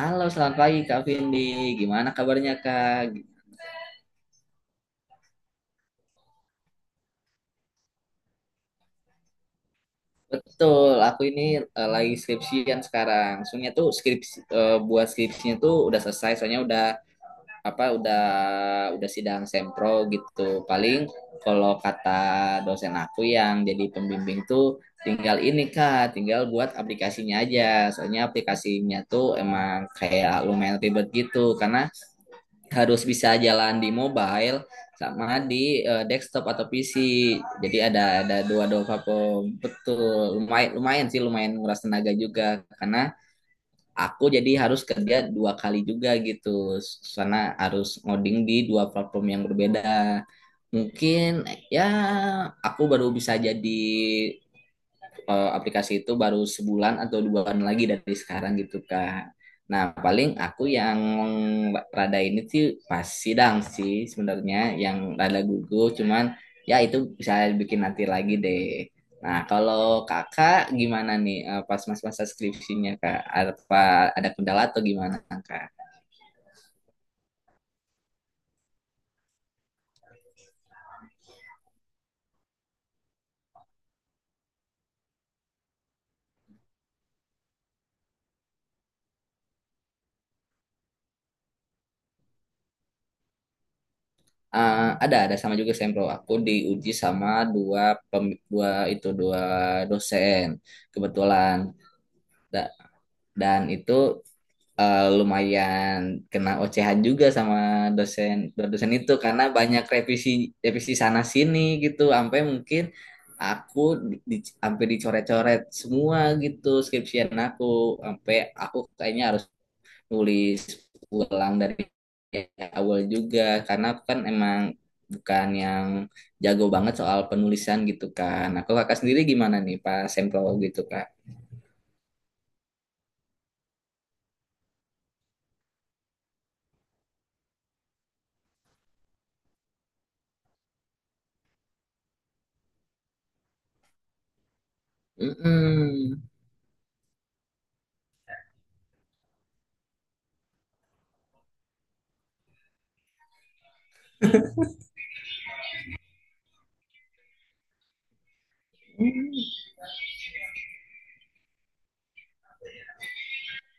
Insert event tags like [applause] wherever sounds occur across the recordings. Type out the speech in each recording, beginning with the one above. Halo, selamat pagi Kak Vindi. Gimana kabarnya Kak? Betul, aku ini lagi skripsian sekarang. Soalnya tuh buat skripsinya tuh udah selesai. Soalnya udah apa? Udah sidang sempro gitu. Paling kalau kata dosen aku yang jadi pembimbing tuh tinggal ini Kak, tinggal buat aplikasinya aja. Soalnya aplikasinya tuh emang kayak lumayan ribet gitu karena harus bisa jalan di mobile sama di desktop atau PC. Jadi ada dua-dua platform. Betul. Lumayan lumayan sih lumayan nguras tenaga juga karena aku jadi harus kerja dua kali juga gitu, karena harus ngoding di dua platform yang berbeda. Mungkin ya aku baru bisa aplikasi itu baru sebulan atau 2 bulan lagi dari sekarang gitu Kak. Nah paling aku yang rada ini sih, pas sidang sih sebenarnya, yang rada gugup, cuman ya itu bisa bikin nanti lagi deh. Nah kalau kakak gimana nih pas masa-masa skripsinya Kak? Apa ada kendala atau gimana Kak? Ada sama juga, sempro aku diuji sama dua dua dosen kebetulan. Da- dan itu lumayan kena ocehan juga sama dosen dosen itu karena banyak revisi, revisi sana sini gitu, sampai mungkin aku sampai dicoret-coret semua gitu skripsian aku, sampai aku kayaknya harus nulis ulang dari awal juga karena aku kan emang bukan yang jago banget soal penulisan gitu kan. Aku kakak sendiri gimana nih pas sempro gitu Kak? Mm-mm.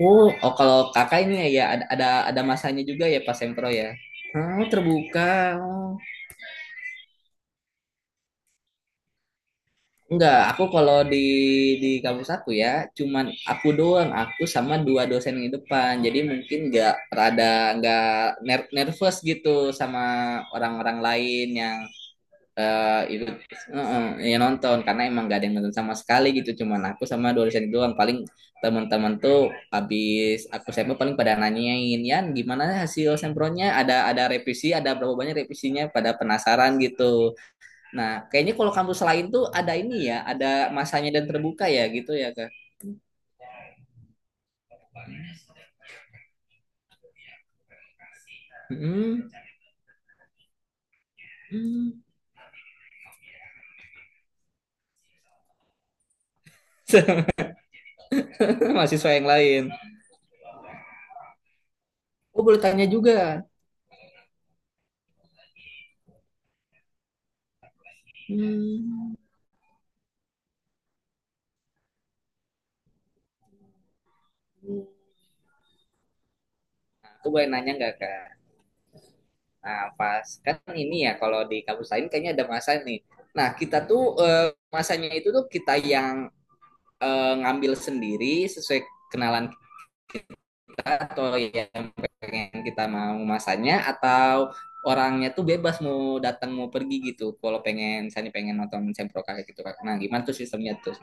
Oh, oh, kalau kakak ini ya, ya, ada masanya juga ya pas sempro ya. Oh, terbuka. Oh. Enggak, aku kalau di kampus aku ya, cuman aku doang, aku sama dua dosen di depan. Jadi mungkin enggak rada enggak nervous gitu sama orang-orang lain yang itu yang nonton, karena emang gak ada yang nonton sama sekali gitu, cuman aku sama dua dosen itu doang. Paling teman-teman tuh habis aku sampel paling pada nanyain, Yan gimana hasil sempronnya, ada revisi, ada berapa banyak revisinya, pada penasaran gitu. Nah kayaknya kalau kampus lain tuh ada ini ya, ada masanya dan terbuka ya gitu ya Kak. Hmm, hmm. [laughs] mahasiswa yang lain, oh boleh tanya juga. Hmm. Aku boleh nanya nggak Kak? Nah, pas kan ini ya kalau di kampus lain kayaknya ada masa nih. Nah, kita tuh eh, masanya itu tuh kita yang ngambil sendiri, sesuai kenalan kita, atau yang pengen kita mau masanya, atau orangnya tuh bebas mau datang mau pergi gitu. Kalau pengen misalnya pengen nonton sempro kakek gitu, kan. Nah, gimana tuh sistemnya tuh?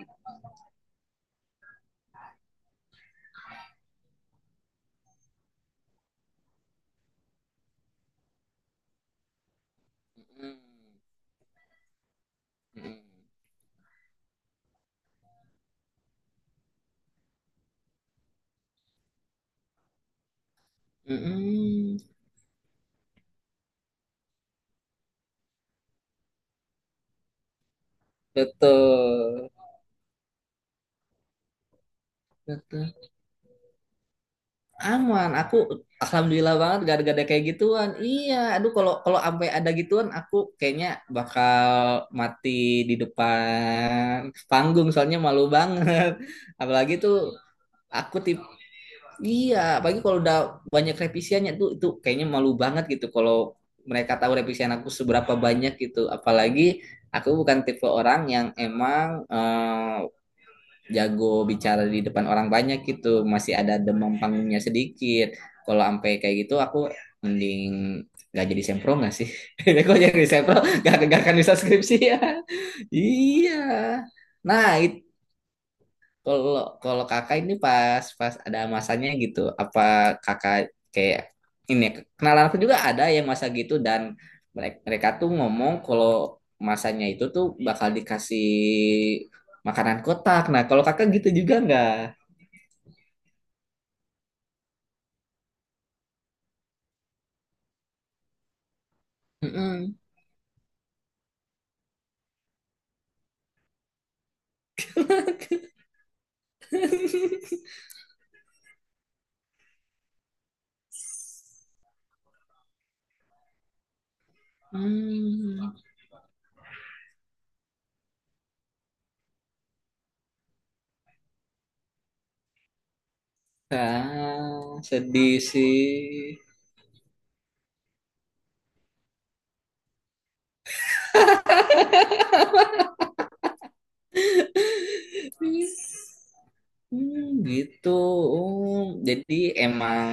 Mm, mm, mm, mm. Betul. Betul. Aman, aku alhamdulillah banget gak ada kayak gituan. Iya, aduh, kalau kalau sampai ada gituan aku kayaknya bakal mati di depan panggung soalnya malu banget. [laughs] Apalagi tuh aku tip iya, apalagi kalau udah banyak revisiannya tuh itu kayaknya malu banget gitu kalau mereka tahu revisian aku seberapa banyak gitu. Apalagi aku bukan tipe orang yang emang jago bicara di depan orang banyak gitu, masih ada demam panggungnya sedikit. Kalau sampai kayak gitu aku mending gak jadi sempro gak sih. [laughs] kalau jadi sempro gak akan bisa skripsi ya. [laughs] iya, nah itu, kalau kalau kakak ini pas pas ada masanya gitu, apa kakak kayak ini, kenalan aku juga ada yang masa gitu dan mereka tuh ngomong kalau masanya itu tuh bakal dikasih makanan kotak. Nah, kalau kakak gitu juga nggak? Mm-mm. Hmm. Ah, sedih sih. Hmm, gitu. Oh, jadi emang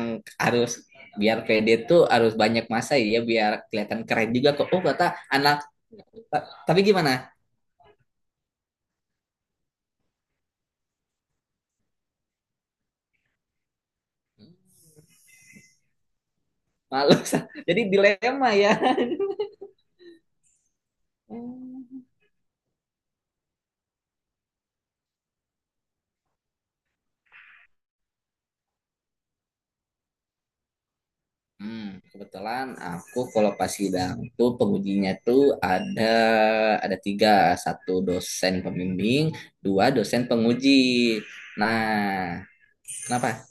harus biar pede tuh harus banyak masa ya biar kelihatan keren juga kok. Oh, kata anak. Tapi gimana? Malu. [laughs] Jadi dilema ya. Hmm, kebetulan aku kalau pas sidang tuh pengujinya tuh ada tiga, satu dosen pembimbing, dua dosen penguji. Nah, kenapa?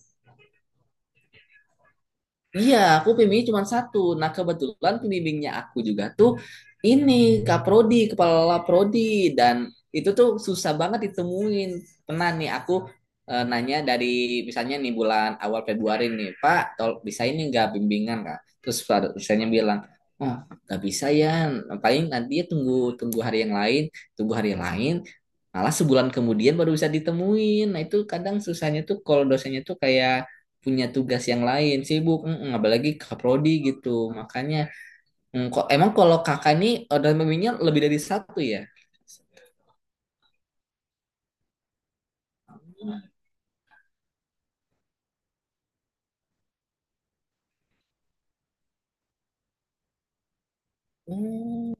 Iya, aku pembimbing cuma satu. Nah, kebetulan pembimbingnya aku juga tuh ini Kak Prodi, kepala Prodi, dan itu tuh susah banget ditemuin. Pernah nih aku nanya dari misalnya nih bulan awal Februari nih, Pak, tol bisa ini nggak bimbingan Kak? Terus misalnya bilang, oh nggak bisa ya, paling nanti ya tunggu tunggu hari yang lain, tunggu hari yang lain. Malah sebulan kemudian baru bisa ditemuin. Nah itu kadang susahnya tuh kalau dosennya tuh kayak punya tugas yang lain, sibuk, apalagi kakak prodi gitu, makanya kok emang kalau kakak ini order meminya lebih dari satu ya. Hmm,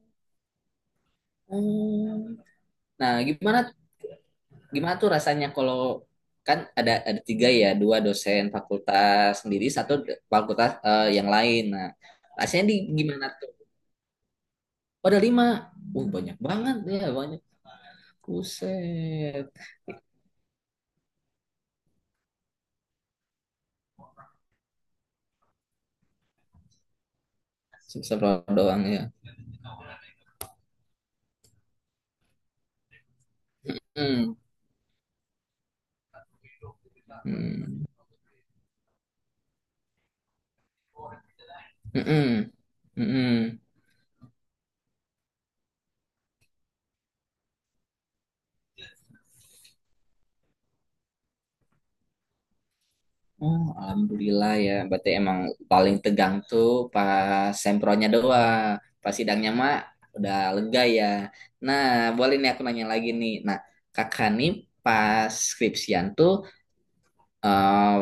hmm. Nah, gimana gimana tuh rasanya kalau kan ada tiga ya, dua dosen fakultas sendiri, satu fakultas yang lain. Nah, rasanya di gimana tuh? Oh, ada lima. Banyak banget ya, banyak. Buset. Seru doang ya. Hmm. Hmm. Mm-mm. Mm-mm. Oh, alhamdulillah ya. Berarti emang paling tegang tuh pas sempronya doang. Pas sidangnya mah udah lega ya. Nah, boleh nih aku nanya lagi nih. Nah, kakak nih pas skripsian tuh eh,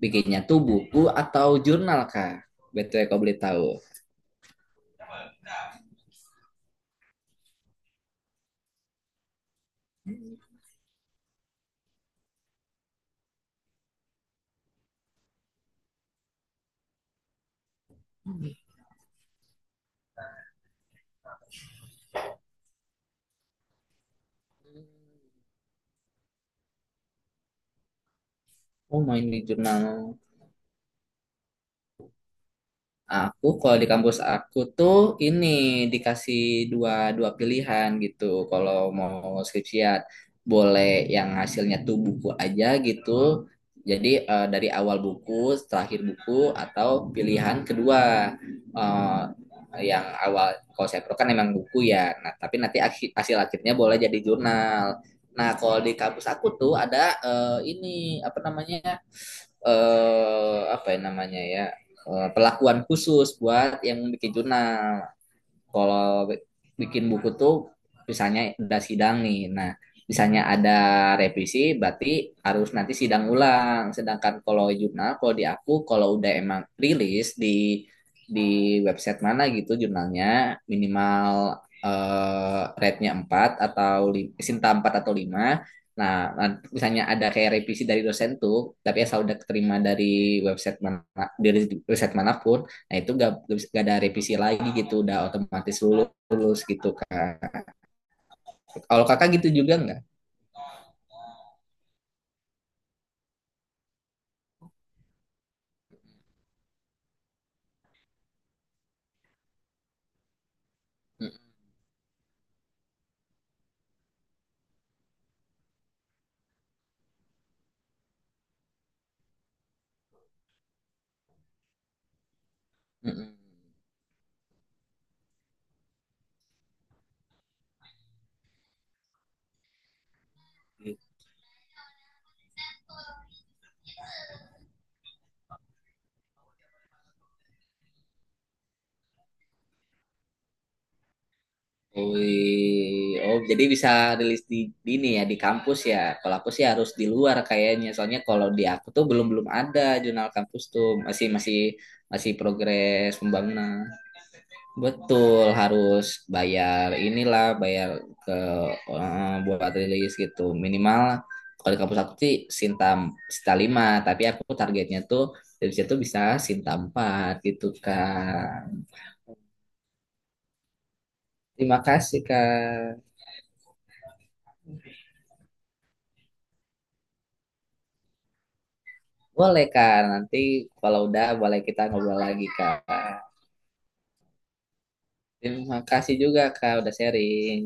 bikinnya tuh buku atau jurnal Kak? BTW kau boleh tahu. Oh, main di jurnal. Aku kalau di kampus aku tuh ini dikasih dua dua pilihan gitu. Kalau mau skripsiat boleh yang hasilnya tuh buku aja gitu. Jadi dari awal buku, terakhir buku, atau pilihan kedua eh, yang awal, kalau saya pro kan emang buku ya. Nah, tapi nanti hasil akhirnya boleh jadi jurnal. Nah, kalau di kampus aku tuh ada ini apa namanya? Apa ya namanya ya? Perlakuan khusus buat yang bikin jurnal. Kalau bikin buku tuh misalnya udah sidang nih. Nah, misalnya ada revisi berarti harus nanti sidang ulang. Sedangkan kalau jurnal kalau di aku kalau udah emang rilis di website mana gitu, jurnalnya minimal rate-nya 4 atau Sinta 4 atau 5. Nah, misalnya ada kayak revisi dari dosen tuh, tapi asal udah keterima dari website manapun, nah itu gak ada revisi lagi gitu, udah otomatis lulus, lulus gitu kan. Kalau kakak gitu juga nggak? Wih, oh jadi bisa rilis di ini ya di kampus ya. Kalau aku sih harus di luar kayaknya. Soalnya kalau di aku tuh belum belum ada jurnal kampus tuh masih masih masih progres pembangunan. Betul harus bayar inilah bayar ke buat rilis gitu. Minimal kalau di kampus aku sih Sinta, Sinta 5, tapi aku targetnya tuh dari situ bisa Sinta 4 gitu, Kak. Terima kasih, Kak. Boleh, Kak. Nanti kalau udah boleh kita ngobrol lagi, Kak. Terima kasih juga, Kak, udah sharing.